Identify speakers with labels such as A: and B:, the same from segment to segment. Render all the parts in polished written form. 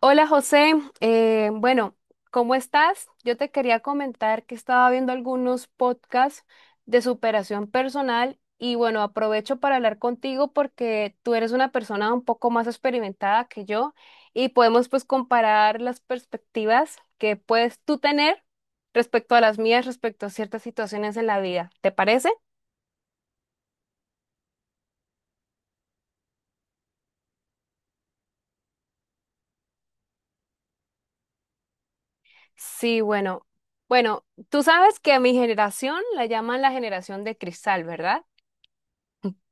A: Hola José, Eh, bueno, ¿cómo estás? Yo te quería comentar que estaba viendo algunos podcasts de superación personal y bueno, aprovecho para hablar contigo porque tú eres una persona un poco más experimentada que yo y podemos pues comparar las perspectivas que puedes tú tener respecto a las mías, respecto a ciertas situaciones en la vida. ¿Te parece? Sí, bueno, tú sabes que a mi generación la llaman la generación de cristal, ¿verdad?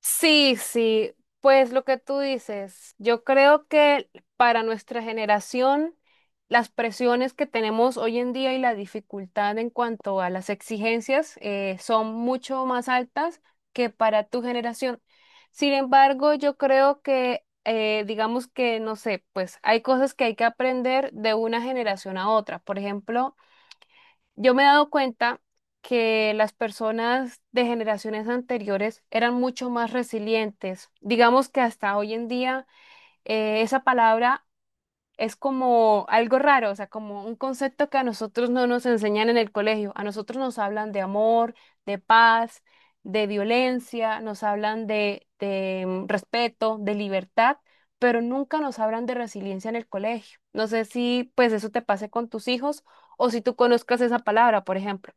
A: Sí, pues lo que tú dices, yo creo que para nuestra generación, las presiones que tenemos hoy en día y la dificultad en cuanto a las exigencias son mucho más altas que para tu generación. Sin embargo, yo creo que, digamos que, no sé, pues hay cosas que hay que aprender de una generación a otra. Por ejemplo, yo me he dado cuenta que las personas de generaciones anteriores eran mucho más resilientes. Digamos que hasta hoy en día esa palabra es como algo raro, o sea, como un concepto que a nosotros no nos enseñan en el colegio. A nosotros nos hablan de amor, de paz, de violencia, nos hablan de respeto, de libertad, pero nunca nos hablan de resiliencia en el colegio. No sé si pues eso te pase con tus hijos o si tú conozcas esa palabra, por ejemplo.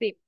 A: Sí.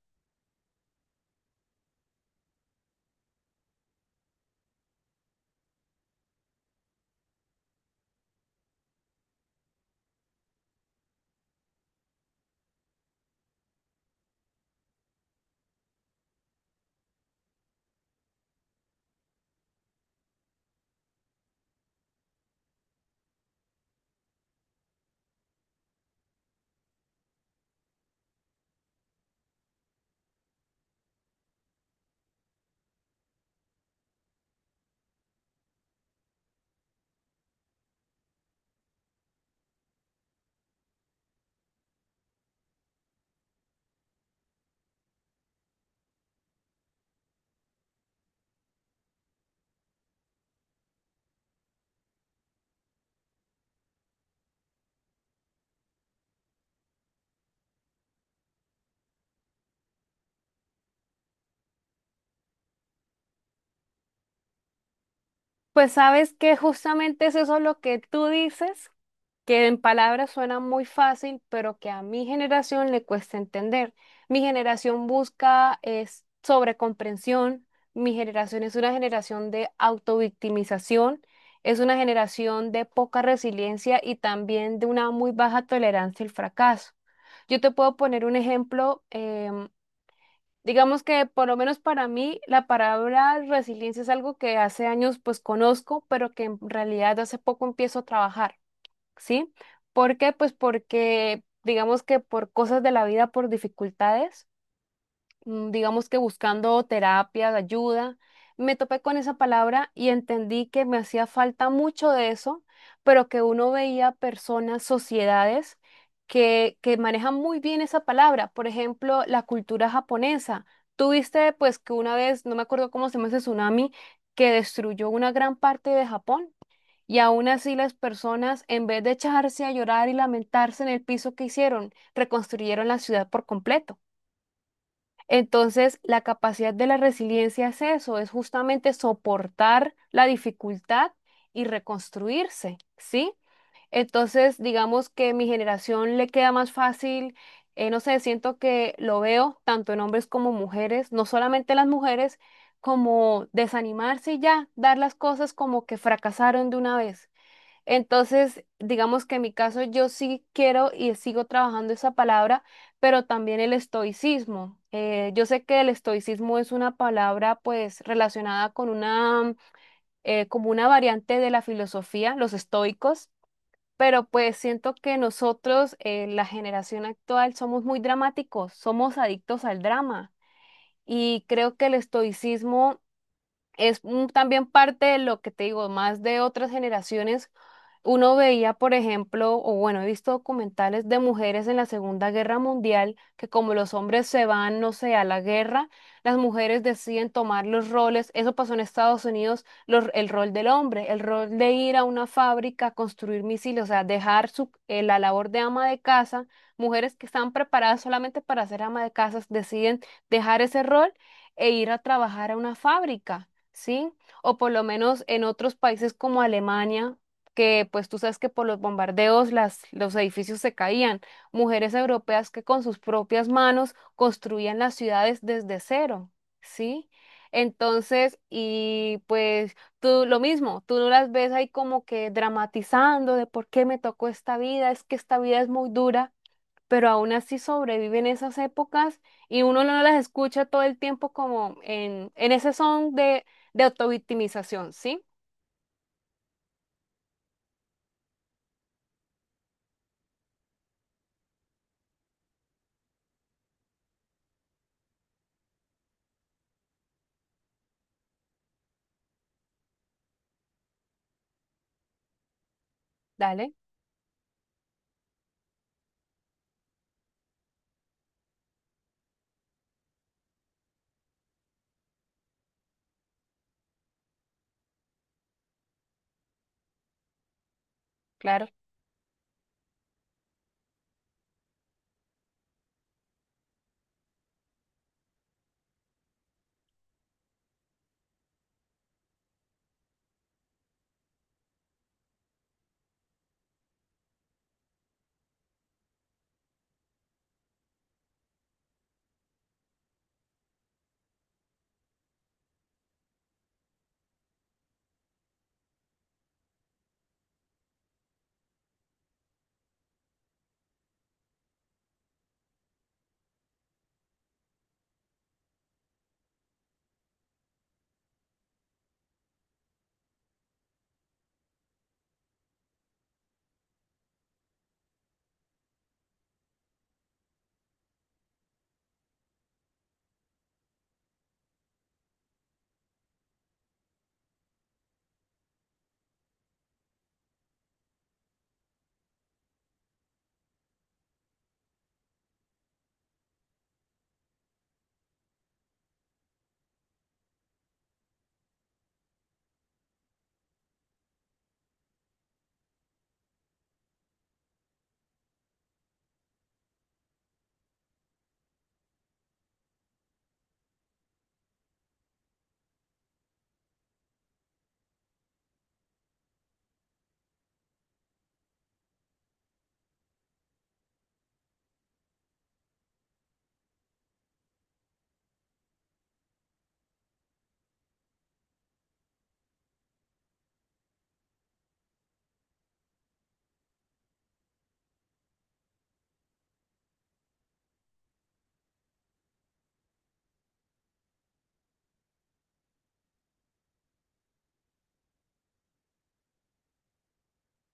A: Pues sabes que justamente es eso lo que tú dices, que en palabras suena muy fácil, pero que a mi generación le cuesta entender. Mi generación busca es sobrecomprensión, mi generación es una generación de autovictimización, es una generación de poca resiliencia y también de una muy baja tolerancia al fracaso. Yo te puedo poner un ejemplo, digamos que por lo menos para mí la palabra resiliencia es algo que hace años pues conozco, pero que en realidad hace poco empiezo a trabajar. ¿Sí? ¿Por qué? Pues porque digamos que por cosas de la vida, por dificultades, digamos que buscando terapia, ayuda, me topé con esa palabra y entendí que me hacía falta mucho de eso, pero que uno veía personas, sociedades que manejan muy bien esa palabra. Por ejemplo, la cultura japonesa. Tuviste pues que una vez, no me acuerdo cómo se llama ese tsunami, que destruyó una gran parte de Japón. Y aún así las personas, en vez de echarse a llorar y lamentarse en el piso que hicieron, reconstruyeron la ciudad por completo. Entonces, la capacidad de la resiliencia es eso, es justamente soportar la dificultad y reconstruirse, ¿sí? Entonces, digamos que mi generación le queda más fácil, no sé, siento que lo veo tanto en hombres como mujeres, no solamente las mujeres, como desanimarse y ya, dar las cosas como que fracasaron de una vez. Entonces, digamos que en mi caso yo sí quiero y sigo trabajando esa palabra, pero también el estoicismo. Yo sé que el estoicismo es una palabra pues relacionada con una, como una variante de la filosofía, los estoicos, pero pues siento que nosotros, la generación actual, somos muy dramáticos, somos adictos al drama. Y creo que el estoicismo también parte de lo que te digo, más de otras generaciones. Uno veía, por ejemplo, o bueno, he visto documentales de mujeres en la Segunda Guerra Mundial que como los hombres se van, no sé, a la guerra, las mujeres deciden tomar los roles. Eso pasó en Estados Unidos, el rol del hombre, el rol de ir a una fábrica a construir misiles, o sea, dejar su, la labor de ama de casa. Mujeres que están preparadas solamente para ser ama de casa deciden dejar ese rol e ir a trabajar a una fábrica. ¿Sí? O por lo menos en otros países como Alemania, que pues tú sabes que por los bombardeos los edificios se caían, mujeres europeas que con sus propias manos construían las ciudades desde cero, ¿sí? Entonces, y pues tú lo mismo, tú no las ves ahí como que dramatizando de por qué me tocó esta vida, es que esta vida es muy dura, pero aún así sobreviven esas épocas y uno no las escucha todo el tiempo como en ese son de autovictimización, ¿sí? Dale, claro.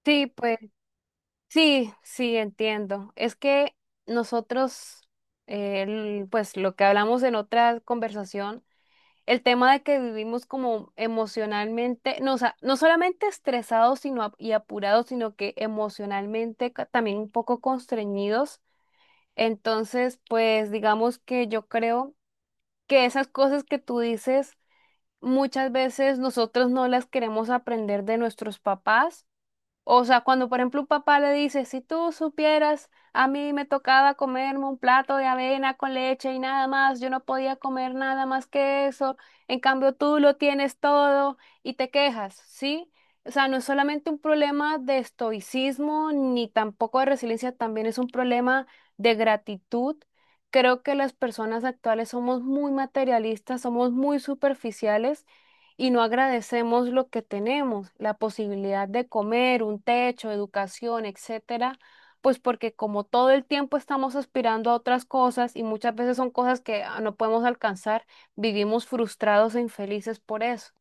A: Sí, pues sí, entiendo. Es que nosotros, pues lo que hablamos en otra conversación, el tema de que vivimos como emocionalmente, no, o sea, no solamente estresados sino, y apurados, sino que emocionalmente también un poco constreñidos. Entonces, pues digamos que yo creo que esas cosas que tú dices, muchas veces nosotros no las queremos aprender de nuestros papás, o sea, cuando por ejemplo un papá le dice, si tú supieras, a mí me tocaba comerme un plato de avena con leche y nada más, yo no podía comer nada más que eso, en cambio tú lo tienes todo y te quejas, ¿sí? O sea, no es solamente un problema de estoicismo ni tampoco de resiliencia, también es un problema de gratitud. Creo que las personas actuales somos muy materialistas, somos muy superficiales y no agradecemos lo que tenemos, la posibilidad de comer, un techo, educación, etcétera, pues porque como todo el tiempo estamos aspirando a otras cosas y muchas veces son cosas que no podemos alcanzar, vivimos frustrados e infelices por eso.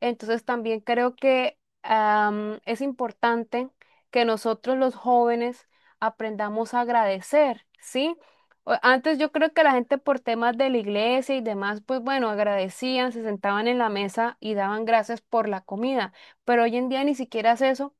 A: Entonces también creo que es importante que nosotros los jóvenes aprendamos a agradecer, ¿sí? Antes yo creo que la gente por temas de la iglesia y demás, pues bueno, agradecían, se sentaban en la mesa y daban gracias por la comida, pero hoy en día ni siquiera es eso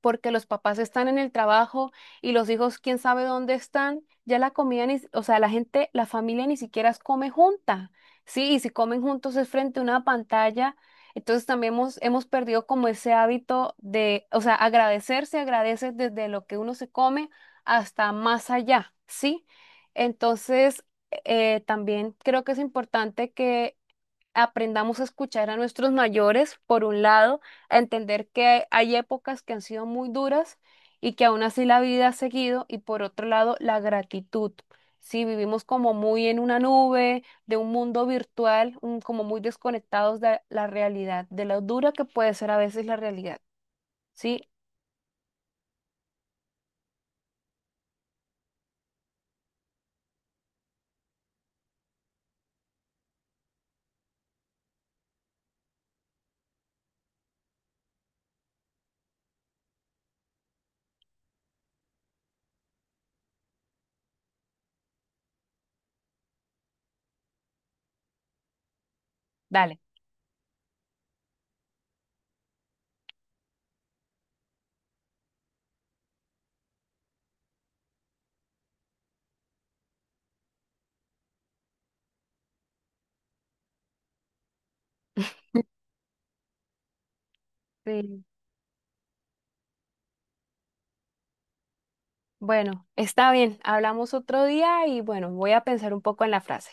A: porque los papás están en el trabajo y los hijos quién sabe dónde están, ya la comida ni, si- o sea, la gente, la familia ni siquiera come junta, ¿sí? Y si comen juntos es frente a una pantalla, entonces también hemos perdido como ese hábito de, o sea, agradecer se agradece desde lo que uno se come hasta más allá, ¿sí? Entonces, también creo que es importante que aprendamos a escuchar a nuestros mayores, por un lado, a entender que hay épocas que han sido muy duras y que aún así la vida ha seguido, y por otro lado, la gratitud. Si vivimos como muy en una nube, de un mundo virtual, como muy desconectados de la realidad, de lo dura que puede ser a veces la realidad. Sí, dale. Sí. Bueno, está bien, hablamos otro día y bueno, voy a pensar un poco en la frase.